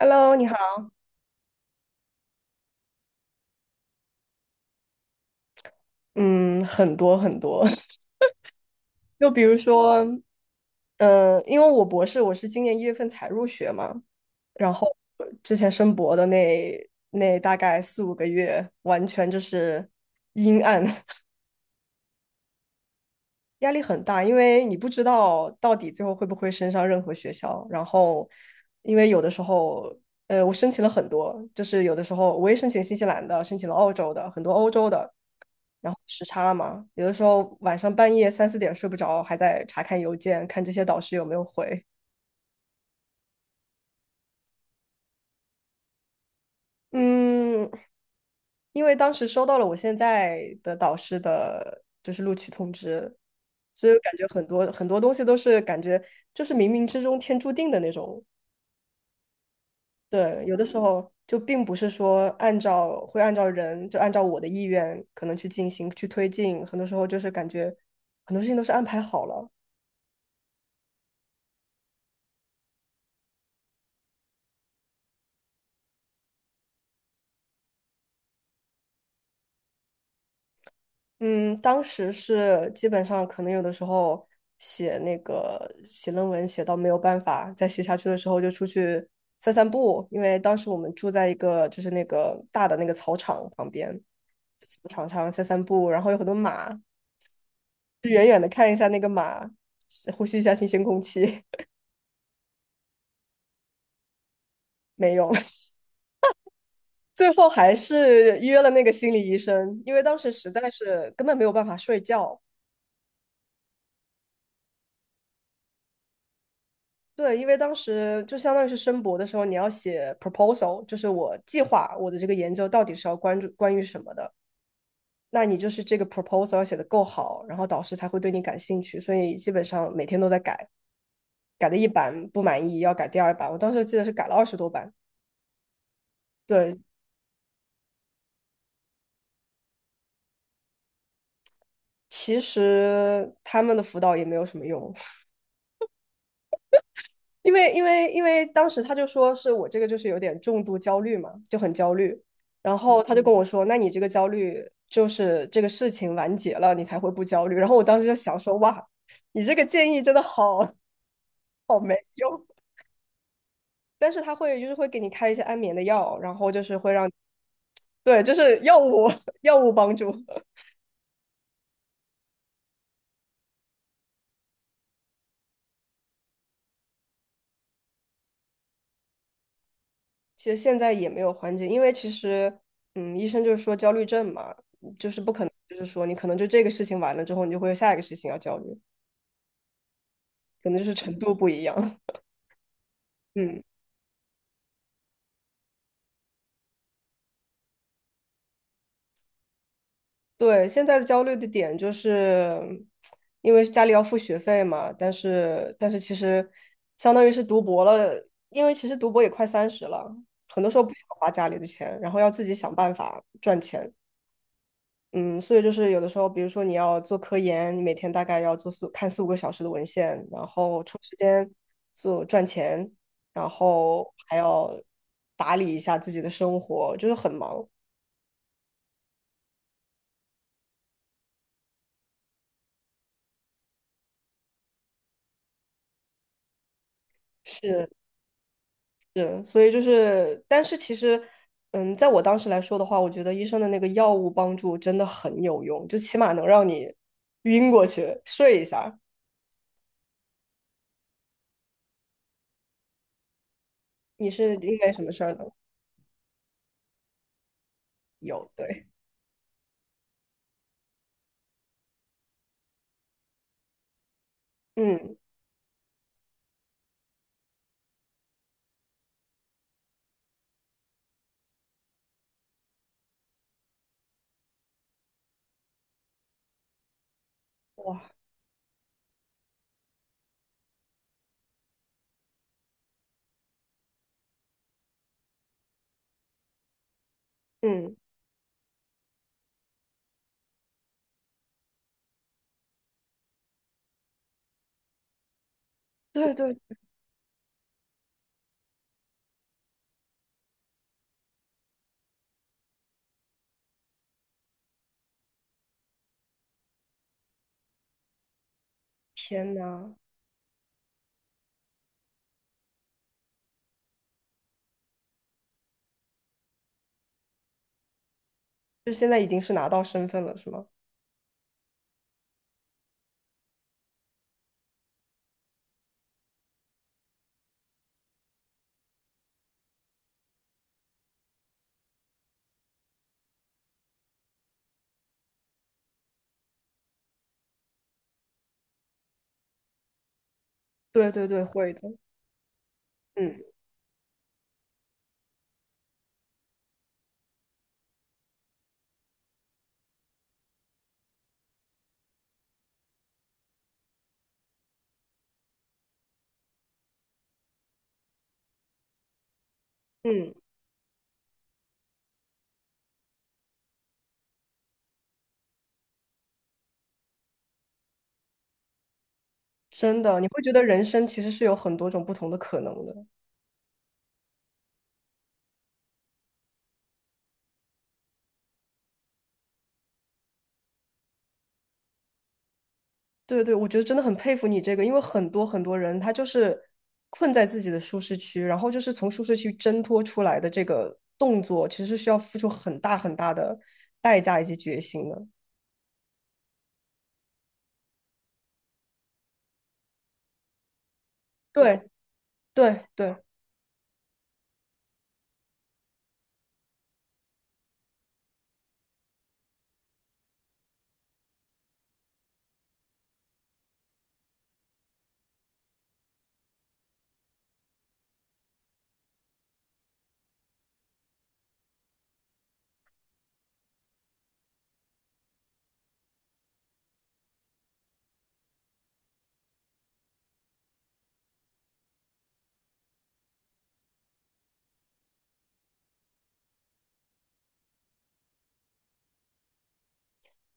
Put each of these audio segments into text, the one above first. Hello，你好。嗯，很多很多，就比如说，因为我博士我是今年一月份才入学嘛，然后之前申博的那大概4、5个月，完全就是阴暗，压力很大，因为你不知道到底最后会不会升上任何学校。然后，因为有的时候，我申请了很多，就是有的时候我也申请新西兰的，申请了澳洲的，很多欧洲的。然后时差嘛，有的时候晚上半夜3、4点睡不着，还在查看邮件，看这些导师有没有回。嗯，因为当时收到了我现在的导师的，就是录取通知，所以我感觉很多很多东西都是感觉就是冥冥之中天注定的那种。对，有的时候就并不是说按照会按照人，就按照我的意愿可能去进行去推进，很多时候就是感觉很多事情都是安排好了。嗯，当时是基本上可能有的时候写那个写论文写到没有办法再写下去的时候，就出去散散步，因为当时我们住在一个就是那个大的那个草场旁边，草场上散散步，然后有很多马，就远远的看一下那个马，呼吸一下新鲜空气。没有。最后还是约了那个心理医生，因为当时实在是根本没有办法睡觉。对，因为当时就相当于是申博的时候，你要写 proposal，就是我计划我的这个研究到底是要关注关于什么的。那你就是这个 proposal 要写的够好，然后导师才会对你感兴趣。所以基本上每天都在改，改的一版不满意要改第2版。我当时记得是改了20多版。对，其实他们的辅导也没有什么用，因为当时他就说是我这个就是有点重度焦虑嘛，就很焦虑。然后他就跟我说，那你这个焦虑就是这个事情完结了，你才会不焦虑。然后我当时就想说，哇，你这个建议真的好没用。但是他会就是会给你开一些安眠的药，然后就是会让，对，就是药物帮助。其实现在也没有缓解，因为其实医生就是说焦虑症嘛，就是不可能，就是说你可能就这个事情完了之后，你就会有下一个事情要焦虑。可能就是程度不一样。嗯，对，现在的焦虑的点就是，因为家里要付学费嘛，但是其实相当于是读博了，因为其实读博也快30了，很多时候不想花家里的钱，然后要自己想办法赚钱。嗯，所以就是有的时候，比如说你要做科研，你每天大概要做看4、5个小时的文献，然后抽时间做赚钱，然后还要打理一下自己的生活，就是很忙。是，是，所以就是，但是其实，嗯，在我当时来说的话，我觉得医生的那个药物帮助真的很有用，就起码能让你晕过去睡一下。你是因为什么事儿呢？有，对，嗯，哇，嗯，对对，天呐，就现在已经是拿到身份了，是吗？对对对，会的，嗯嗯，真的，你会觉得人生其实是有很多种不同的可能的。对对，我觉得真的很佩服你这个，因为很多很多人他就是困在自己的舒适区，然后就是从舒适区挣脱出来的这个动作，其实是需要付出很大很大的代价以及决心的。对对对，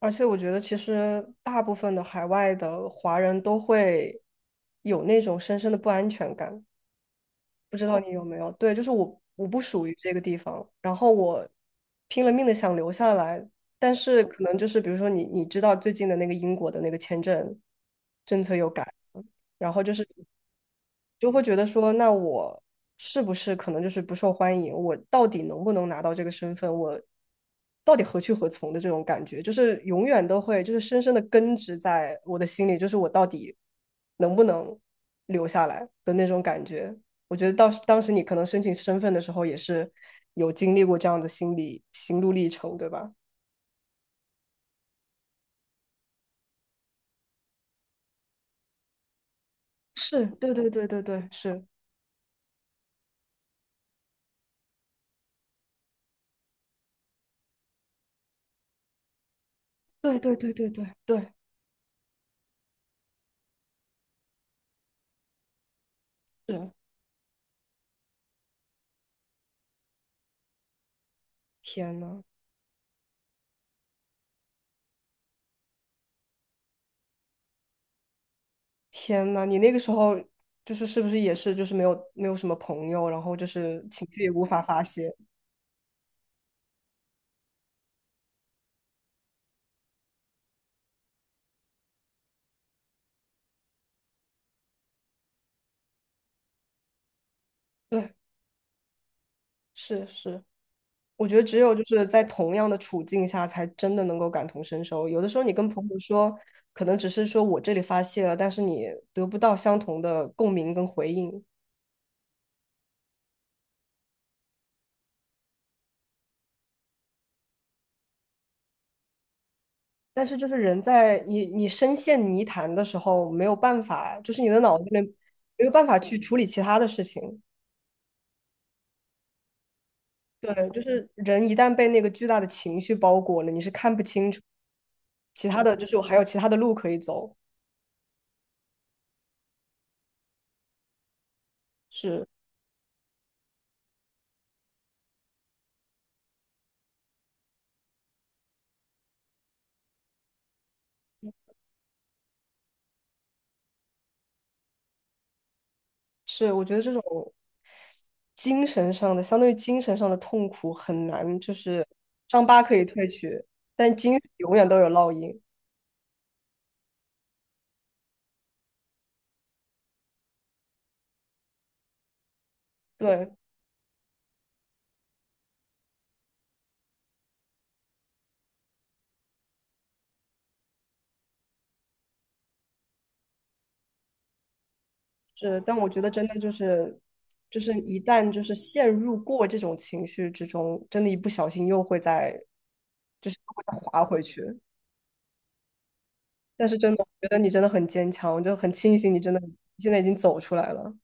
而且我觉得其实大部分的海外的华人都会有那种深深的不安全感。不知道你有没有？对，就是我不属于这个地方，然后我拼了命的想留下来，但是可能就是比如说你知道最近的那个英国的那个签证政策又改了，然后就是就会觉得说，那我是不是可能就是不受欢迎？我到底能不能拿到这个身份？我到底何去何从的这种感觉，就是永远都会就是深深的根植在我的心里，就是我到底能不能留下来的那种感觉。我觉得当时你可能申请身份的时候也是有经历过这样的心路历程，对吧？是，对对对对对，是，对对对对对对，是。天呐，天呐，你那个时候就是是不是也是就是没有没有什么朋友，然后就是情绪也无法发泄。对，是是，我觉得只有就是在同样的处境下，才真的能够感同身受。有的时候你跟朋友说，可能只是说我这里发泄了，但是你得不到相同的共鸣跟回应。但是就是人在你深陷泥潭的时候，没有办法，就是你的脑子里面没有办法去处理其他的事情。对，就是人一旦被那个巨大的情绪包裹了，你是看不清楚其他的，就是我还有其他的路可以走。是是，我觉得这种精神上的，相当于精神上的痛苦很难，就是伤疤可以褪去，但精神永远都有烙印。对。是，但我觉得真的就是，就是一旦就是陷入过这种情绪之中，真的，一不小心又会再就是又会再滑回去。但是真的，我觉得你真的很坚强，我就很庆幸你真的现在已经走出来了。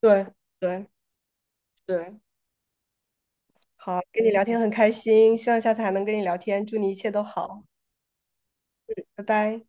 对对对，好，跟你聊天很开心，希望下次还能跟你聊天，祝你一切都好，拜拜。